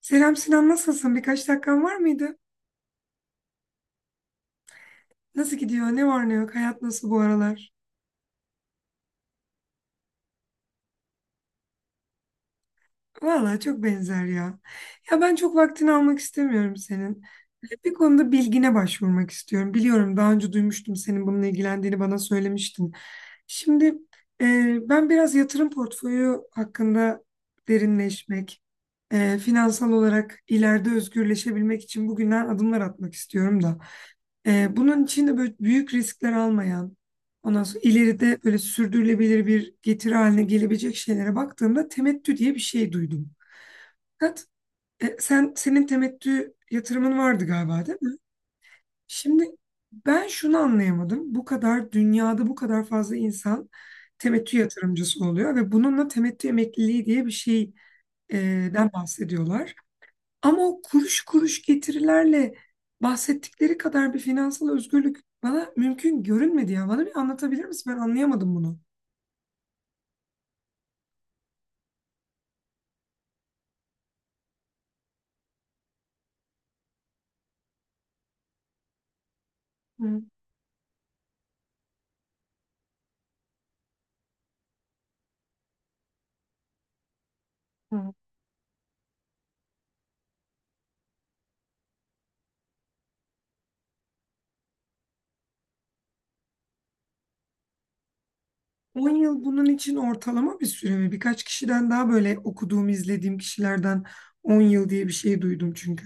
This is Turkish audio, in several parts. Selam Sinan, nasılsın? Birkaç dakikan var mıydı? Nasıl gidiyor? Ne var ne yok? Hayat nasıl bu aralar? Vallahi çok benzer ya. Ya ben çok vaktini almak istemiyorum senin. Bir konuda bilgine başvurmak istiyorum. Biliyorum, daha önce duymuştum, senin bununla ilgilendiğini bana söylemiştin. Şimdi ben biraz yatırım portföyü hakkında derinleşmek, finansal olarak ileride özgürleşebilmek için bugünden adımlar atmak istiyorum da. Bunun için de böyle büyük riskler almayan, ondan sonra ileride böyle sürdürülebilir bir getiri haline gelebilecek şeylere baktığımda temettü diye bir şey duydum. Fakat senin temettü yatırımın vardı galiba, değil mi? Şimdi ben şunu anlayamadım. Bu kadar dünyada bu kadar fazla insan temettü yatırımcısı oluyor ve bununla temettü emekliliği diye bir şeyden bahsediyorlar. Ama o kuruş kuruş getirilerle bahsettikleri kadar bir finansal özgürlük bana mümkün görünmedi ya. Bana bir anlatabilir misin? Ben anlayamadım bunu. Hı hı. 10 yıl bunun için ortalama bir süre mi? Birkaç kişiden, daha böyle okuduğum, izlediğim kişilerden 10 yıl diye bir şey duydum çünkü.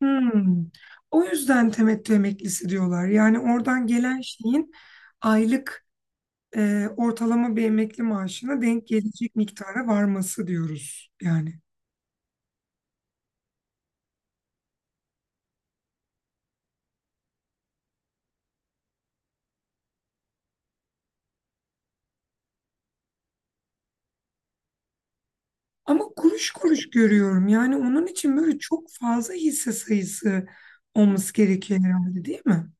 Hmm. O yüzden temettü emeklisi diyorlar. Yani oradan gelen şeyin aylık, ortalama bir emekli maaşına denk gelecek miktara varması diyoruz yani. Ama kuruş kuruş görüyorum. Yani onun için böyle çok fazla hisse sayısı olması gerekiyor herhalde, değil mi?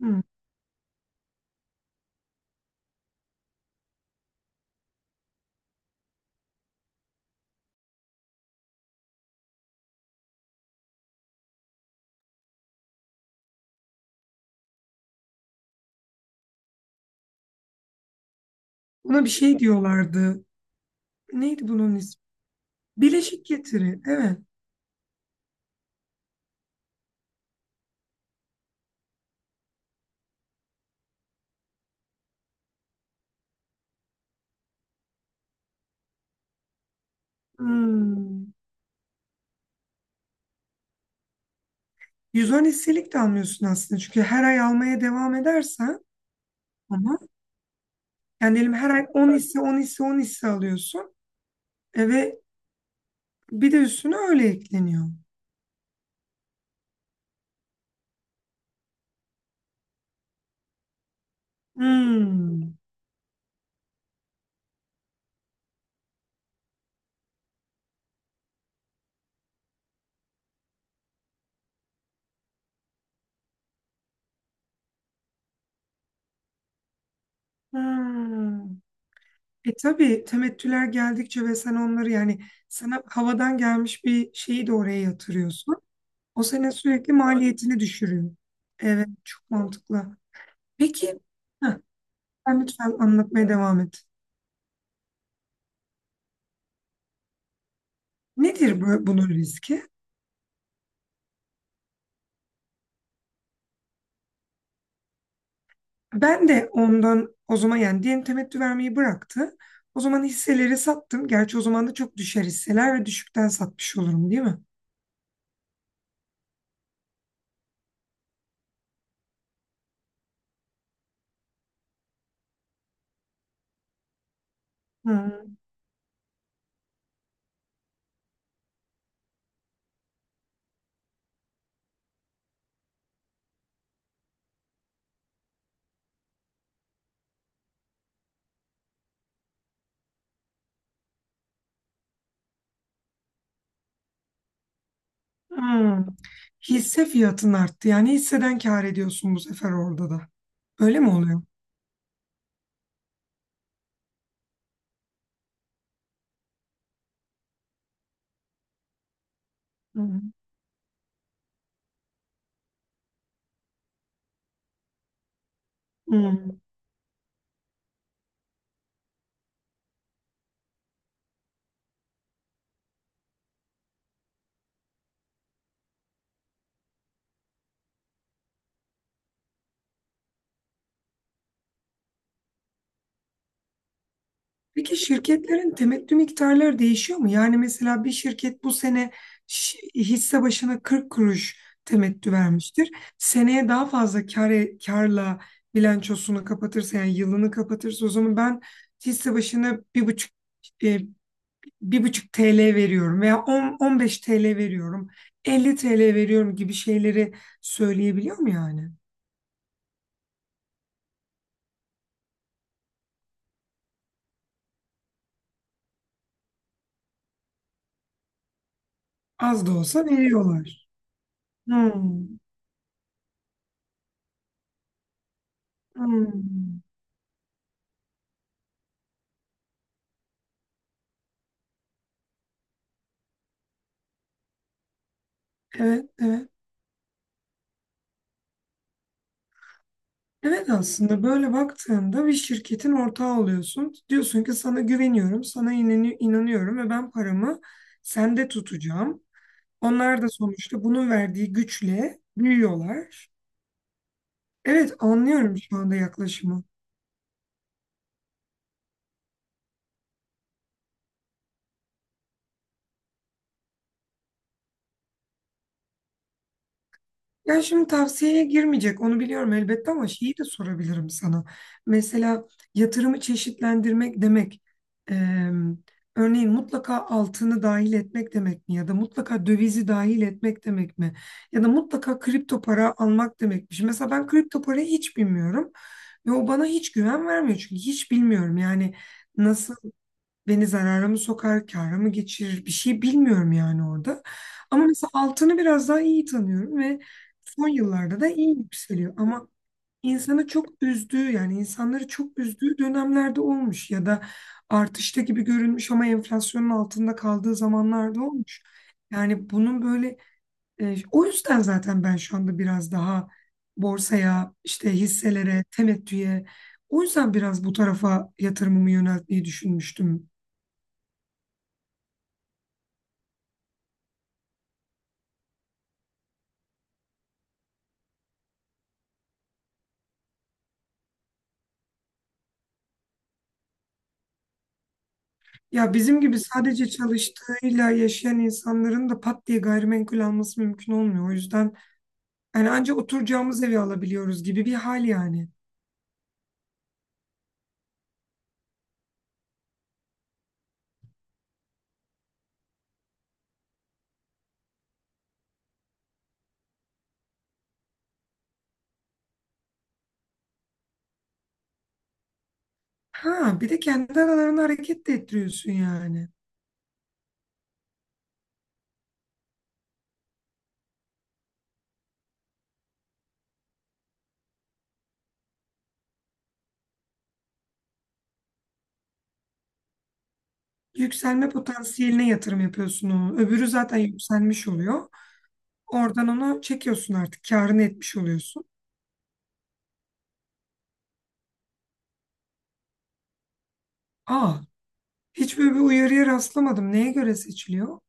Hı. Buna bir şey diyorlardı. Neydi bunun ismi? Bileşik getiri. Evet. Hmm. 110 hisselik de almıyorsun aslında. Çünkü her ay almaya devam edersen ama yani diyelim her ay 10 hisse, 10 hisse, 10 hisse alıyorsun. Ve bir de üstüne öyle ekleniyor. Hmm. Hmm. E tabii, temettüler geldikçe ve sen onları yani sana havadan gelmiş bir şeyi de oraya yatırıyorsun. O senin sürekli maliyetini düşürüyor. Evet, çok mantıklı. Peki, heh, sen lütfen anlatmaya devam et. Nedir bunun riski? Ben de ondan, o zaman yani diyelim temettü vermeyi bıraktı. O zaman hisseleri sattım. Gerçi o zaman da çok düşer hisseler ve düşükten satmış olurum, değil mi? Hmm. Hmm. Hisse fiyatın arttı. Yani hisseden kâr ediyorsun bu sefer orada da. Öyle mi oluyor? Hı. Hmm. Peki şirketlerin temettü miktarları değişiyor mu? Yani mesela bir şirket bu sene hisse başına 40 kuruş temettü vermiştir. Seneye daha fazla karla bilançosunu kapatırsa, yani yılını kapatırsa o zaman ben hisse başına 1,5, e, 1,5 TL veriyorum veya 10, 15 TL veriyorum, 50 TL veriyorum gibi şeyleri söyleyebiliyor mu yani? Az da olsa veriyorlar. Hmm, hmm. Evet, evet. Evet, aslında böyle baktığında bir şirketin ortağı oluyorsun. Diyorsun ki sana güveniyorum, sana inanıyorum ve ben paramı sende tutacağım. Onlar da sonuçta bunun verdiği güçle büyüyorlar. Evet, anlıyorum şu anda yaklaşımı. Ya şimdi tavsiyeye girmeyecek onu biliyorum elbette ama şeyi de sorabilirim sana. Mesela yatırımı çeşitlendirmek demek, eee, örneğin mutlaka altını dahil etmek demek mi? Ya da mutlaka dövizi dahil etmek demek mi? Ya da mutlaka kripto para almak demekmiş. Mesela ben kripto parayı hiç bilmiyorum ve o bana hiç güven vermiyor, çünkü hiç bilmiyorum yani nasıl, beni zarara mı sokar, kâra mı geçirir, bir şey bilmiyorum yani orada. Ama mesela altını biraz daha iyi tanıyorum ve son yıllarda da iyi yükseliyor. Ama insanı çok üzdüğü, yani insanları çok üzdüğü dönemlerde olmuş ya da artışta gibi görünmüş ama enflasyonun altında kaldığı zamanlarda olmuş. Yani bunun böyle, o yüzden zaten ben şu anda biraz daha borsaya, işte hisselere, temettüye, o yüzden biraz bu tarafa yatırımımı yöneltmeyi düşünmüştüm. Ya bizim gibi sadece çalıştığıyla yaşayan insanların da pat diye gayrimenkul alması mümkün olmuyor. O yüzden yani ancak oturacağımız evi alabiliyoruz gibi bir hal yani. Ha, bir de kendi aralarını hareket de ettiriyorsun yani. Yükselme potansiyeline yatırım yapıyorsun onu. Öbürü zaten yükselmiş oluyor. Oradan onu çekiyorsun artık. Kârını etmiş oluyorsun. Aa, hiç böyle bir uyarıya rastlamadım. Neye göre seçiliyor?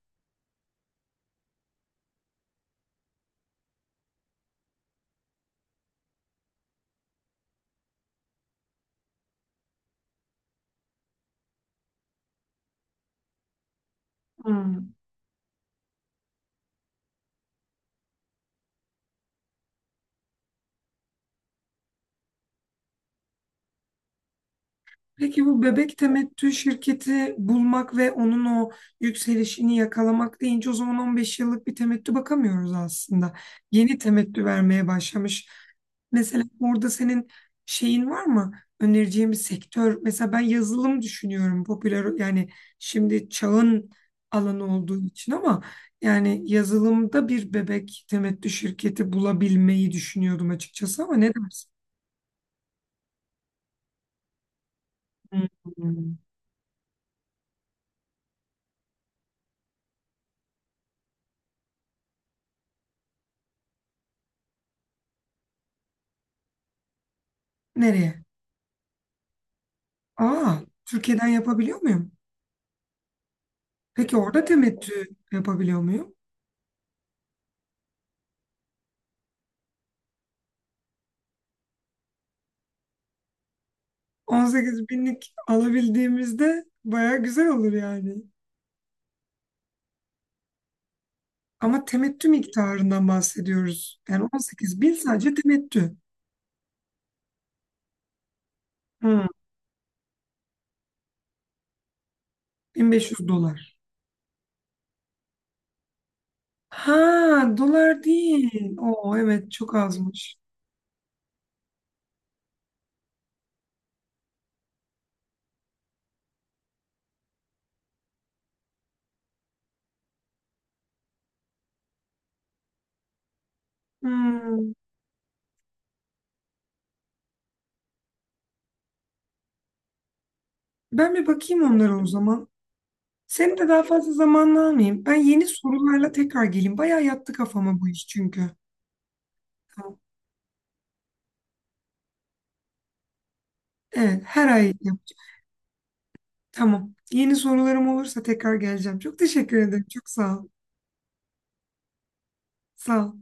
Hmm. Peki bu bebek temettü şirketi bulmak ve onun o yükselişini yakalamak deyince, o zaman 15 yıllık bir temettü bakamıyoruz aslında. Yeni temettü vermeye başlamış. Mesela orada senin şeyin var mı? Önereceğin bir sektör. Mesela ben yazılım düşünüyorum. Popüler yani, şimdi çağın alanı olduğu için ama yani yazılımda bir bebek temettü şirketi bulabilmeyi düşünüyordum açıkçası, ama ne dersin? Hmm. Nereye? Aa, Türkiye'den yapabiliyor muyum? Peki orada temettü yapabiliyor muyum? 18 binlik alabildiğimizde baya güzel olur yani. Ama temettü miktarından bahsediyoruz. Yani 18 bin sadece temettü. Hmm, 1500 dolar. Ha, dolar değil. Oo, evet, çok azmış. Hmm, ben bir bakayım onlara o zaman. Seni de daha fazla zamanını almayayım. Ben yeni sorularla tekrar geleyim. Bayağı yattı kafama bu iş çünkü. Tamam. Evet, her ay. Tamam. Yeni sorularım olursa tekrar geleceğim. Çok teşekkür ederim. Çok sağ ol. Sağ ol.